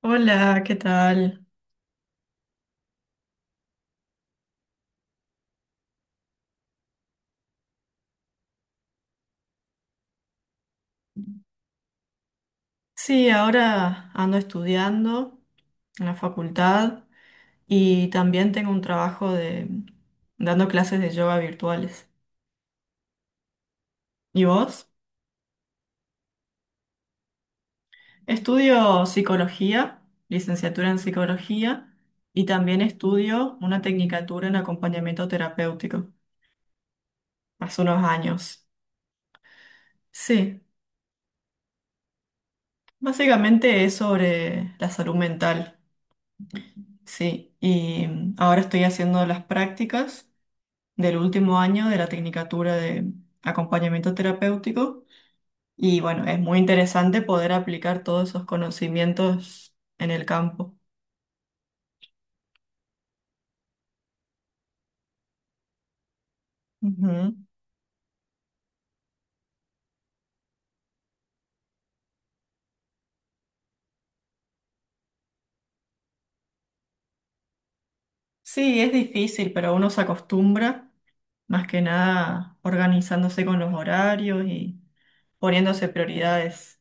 Hola, ¿qué tal? Sí, ahora ando estudiando en la facultad y también tengo un trabajo de dando clases de yoga virtuales. ¿Y vos? Estudio psicología, licenciatura en psicología y también estudio una tecnicatura en acompañamiento terapéutico hace unos años. Sí, básicamente es sobre la salud mental. Sí, y ahora estoy haciendo las prácticas del último año de la tecnicatura de acompañamiento terapéutico. Y bueno, es muy interesante poder aplicar todos esos conocimientos en el campo. Ujú. Sí, es difícil, pero uno se acostumbra, más que nada organizándose con los horarios y poniéndose prioridades.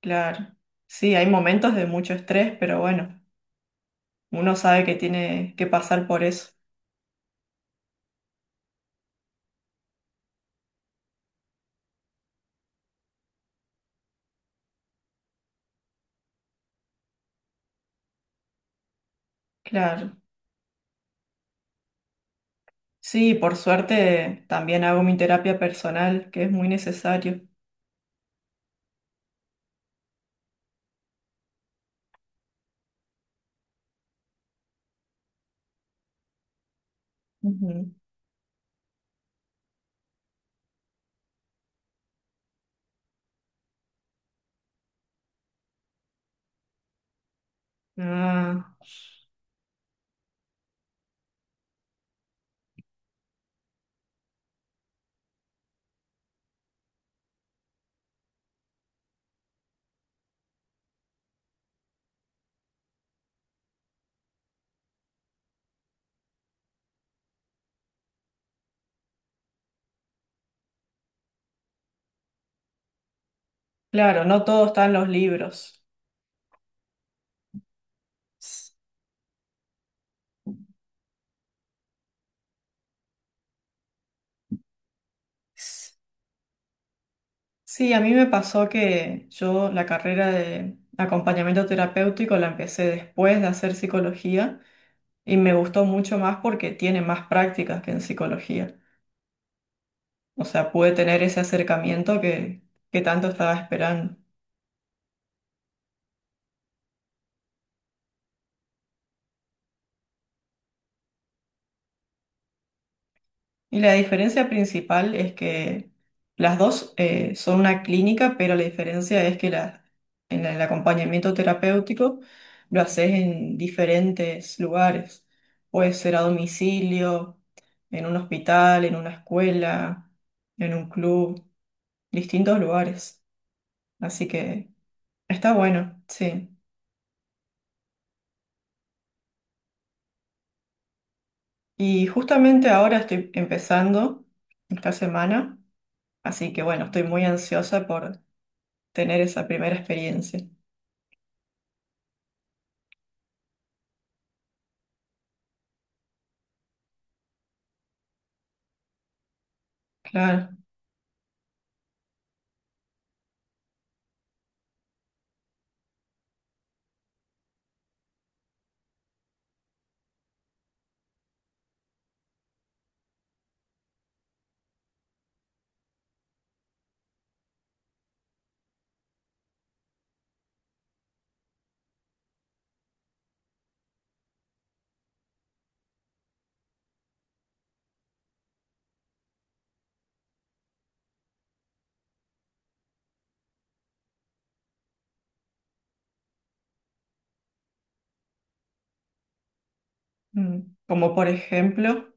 Claro. Sí, hay momentos de mucho estrés, pero bueno, uno sabe que tiene que pasar por eso. Claro. Sí, por suerte también hago mi terapia personal, que es muy necesario. Ujú. Ah, claro, no todo está en los libros. S- s- Sí, a mí me pasó que yo la carrera de acompañamiento terapéutico la empecé después de hacer psicología y me gustó mucho más porque tiene más prácticas que en psicología. O sea, pude tener ese acercamiento que tanto estaba esperando. Y la diferencia principal es que las dos son una clínica, pero la diferencia es que en el acompañamiento terapéutico lo haces en diferentes lugares. Puede ser a domicilio, en un hospital, en una escuela, en un club, distintos lugares. Así que está bueno, sí. Y justamente ahora estoy empezando esta semana, así que bueno, estoy muy ansiosa por tener esa primera experiencia. Claro, mm. Como por ejemplo,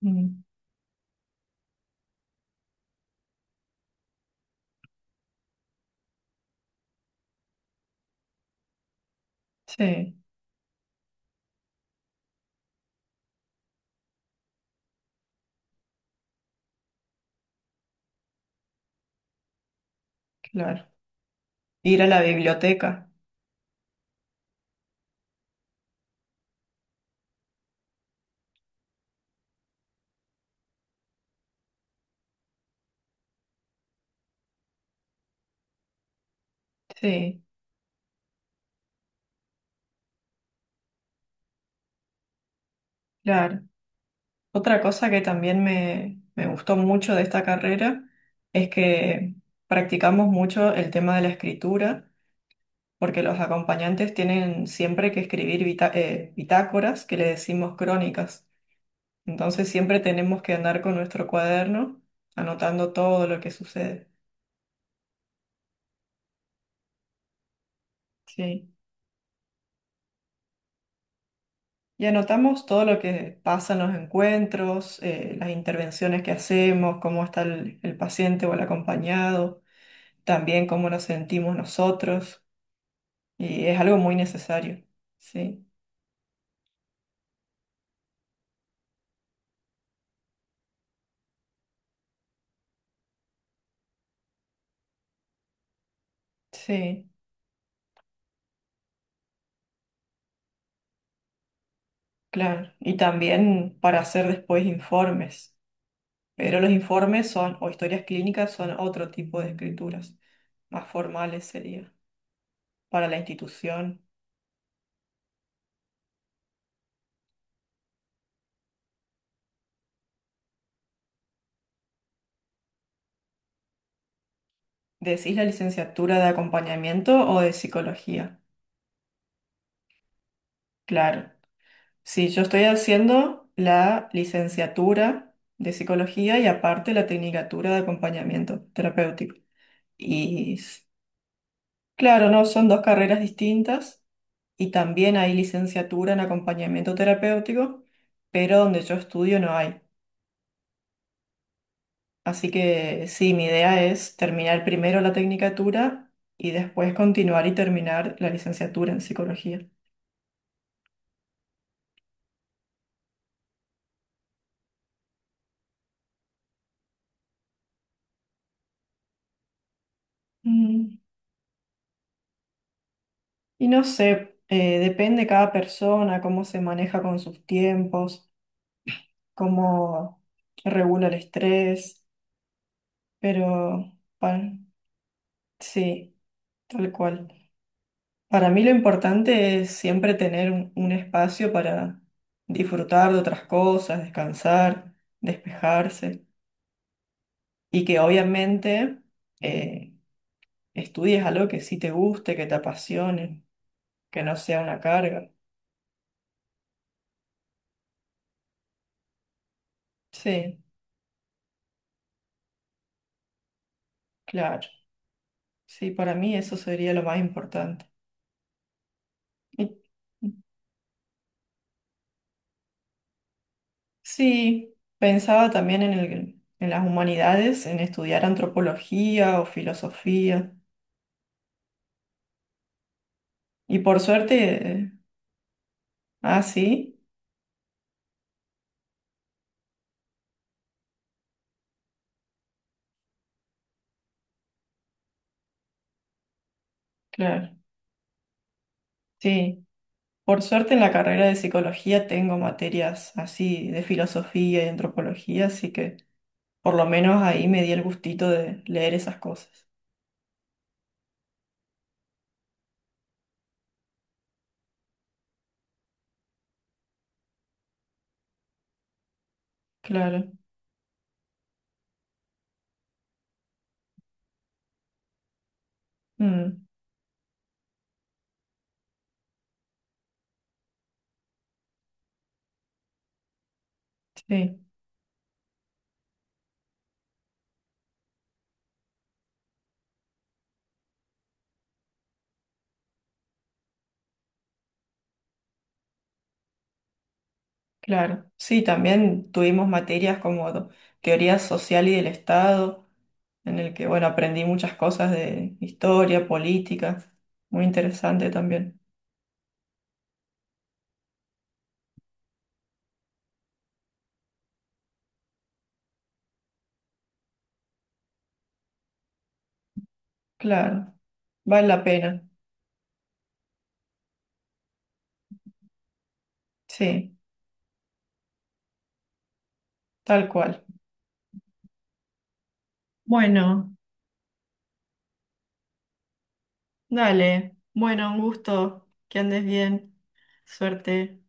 mm, sí, claro, ir a la biblioteca, sí, claro. Otra cosa que también me gustó mucho de esta carrera es que practicamos mucho el tema de la escritura, porque los acompañantes tienen siempre que escribir bitácoras, que le decimos crónicas. Entonces siempre tenemos que andar con nuestro cuaderno anotando todo lo que sucede. Sí. Y anotamos todo lo que pasa en los encuentros, las intervenciones que hacemos, cómo está el paciente o el acompañado, también cómo nos sentimos nosotros. Y es algo muy necesario. Sí, sí, claro. Y también para hacer después informes. Pero los informes son, o historias clínicas son otro tipo de escrituras, más formales sería, para la institución. ¿Decís la licenciatura de acompañamiento o de psicología? Claro. Sí, yo estoy haciendo la licenciatura de psicología y aparte la tecnicatura de acompañamiento terapéutico. Y s- claro, no, son dos carreras distintas y también hay licenciatura en acompañamiento terapéutico, pero donde yo estudio no hay. Así que sí, mi idea es terminar primero la tecnicatura y después continuar y terminar la licenciatura en psicología. Mm. Y no sé, depende cada persona, cómo se maneja con sus tiempos, cómo regula el estrés, pero pa- sí, tal cual. Para mí lo importante es siempre tener un espacio para disfrutar de otras cosas, descansar, despejarse y que obviamente eh, estudies algo que sí te guste, que te apasione, que no sea una carga. Sí, claro. Sí, para mí eso sería lo más importante. Y- Sí, pensaba también en en las humanidades, en estudiar antropología o filosofía. Y por suerte, ah, sí, claro, sí. Por suerte en la carrera de psicología tengo materias así de filosofía y antropología, así que por lo menos ahí me di el gustito de leer esas cosas. Claro, mm, sí. Claro, sí, también tuvimos materias como teoría social y del Estado, en el que, bueno, aprendí muchas cosas de historia, política, muy interesante también. Claro, vale la pena, sí, tal cual. Bueno, dale, bueno, un gusto, que andes bien, suerte.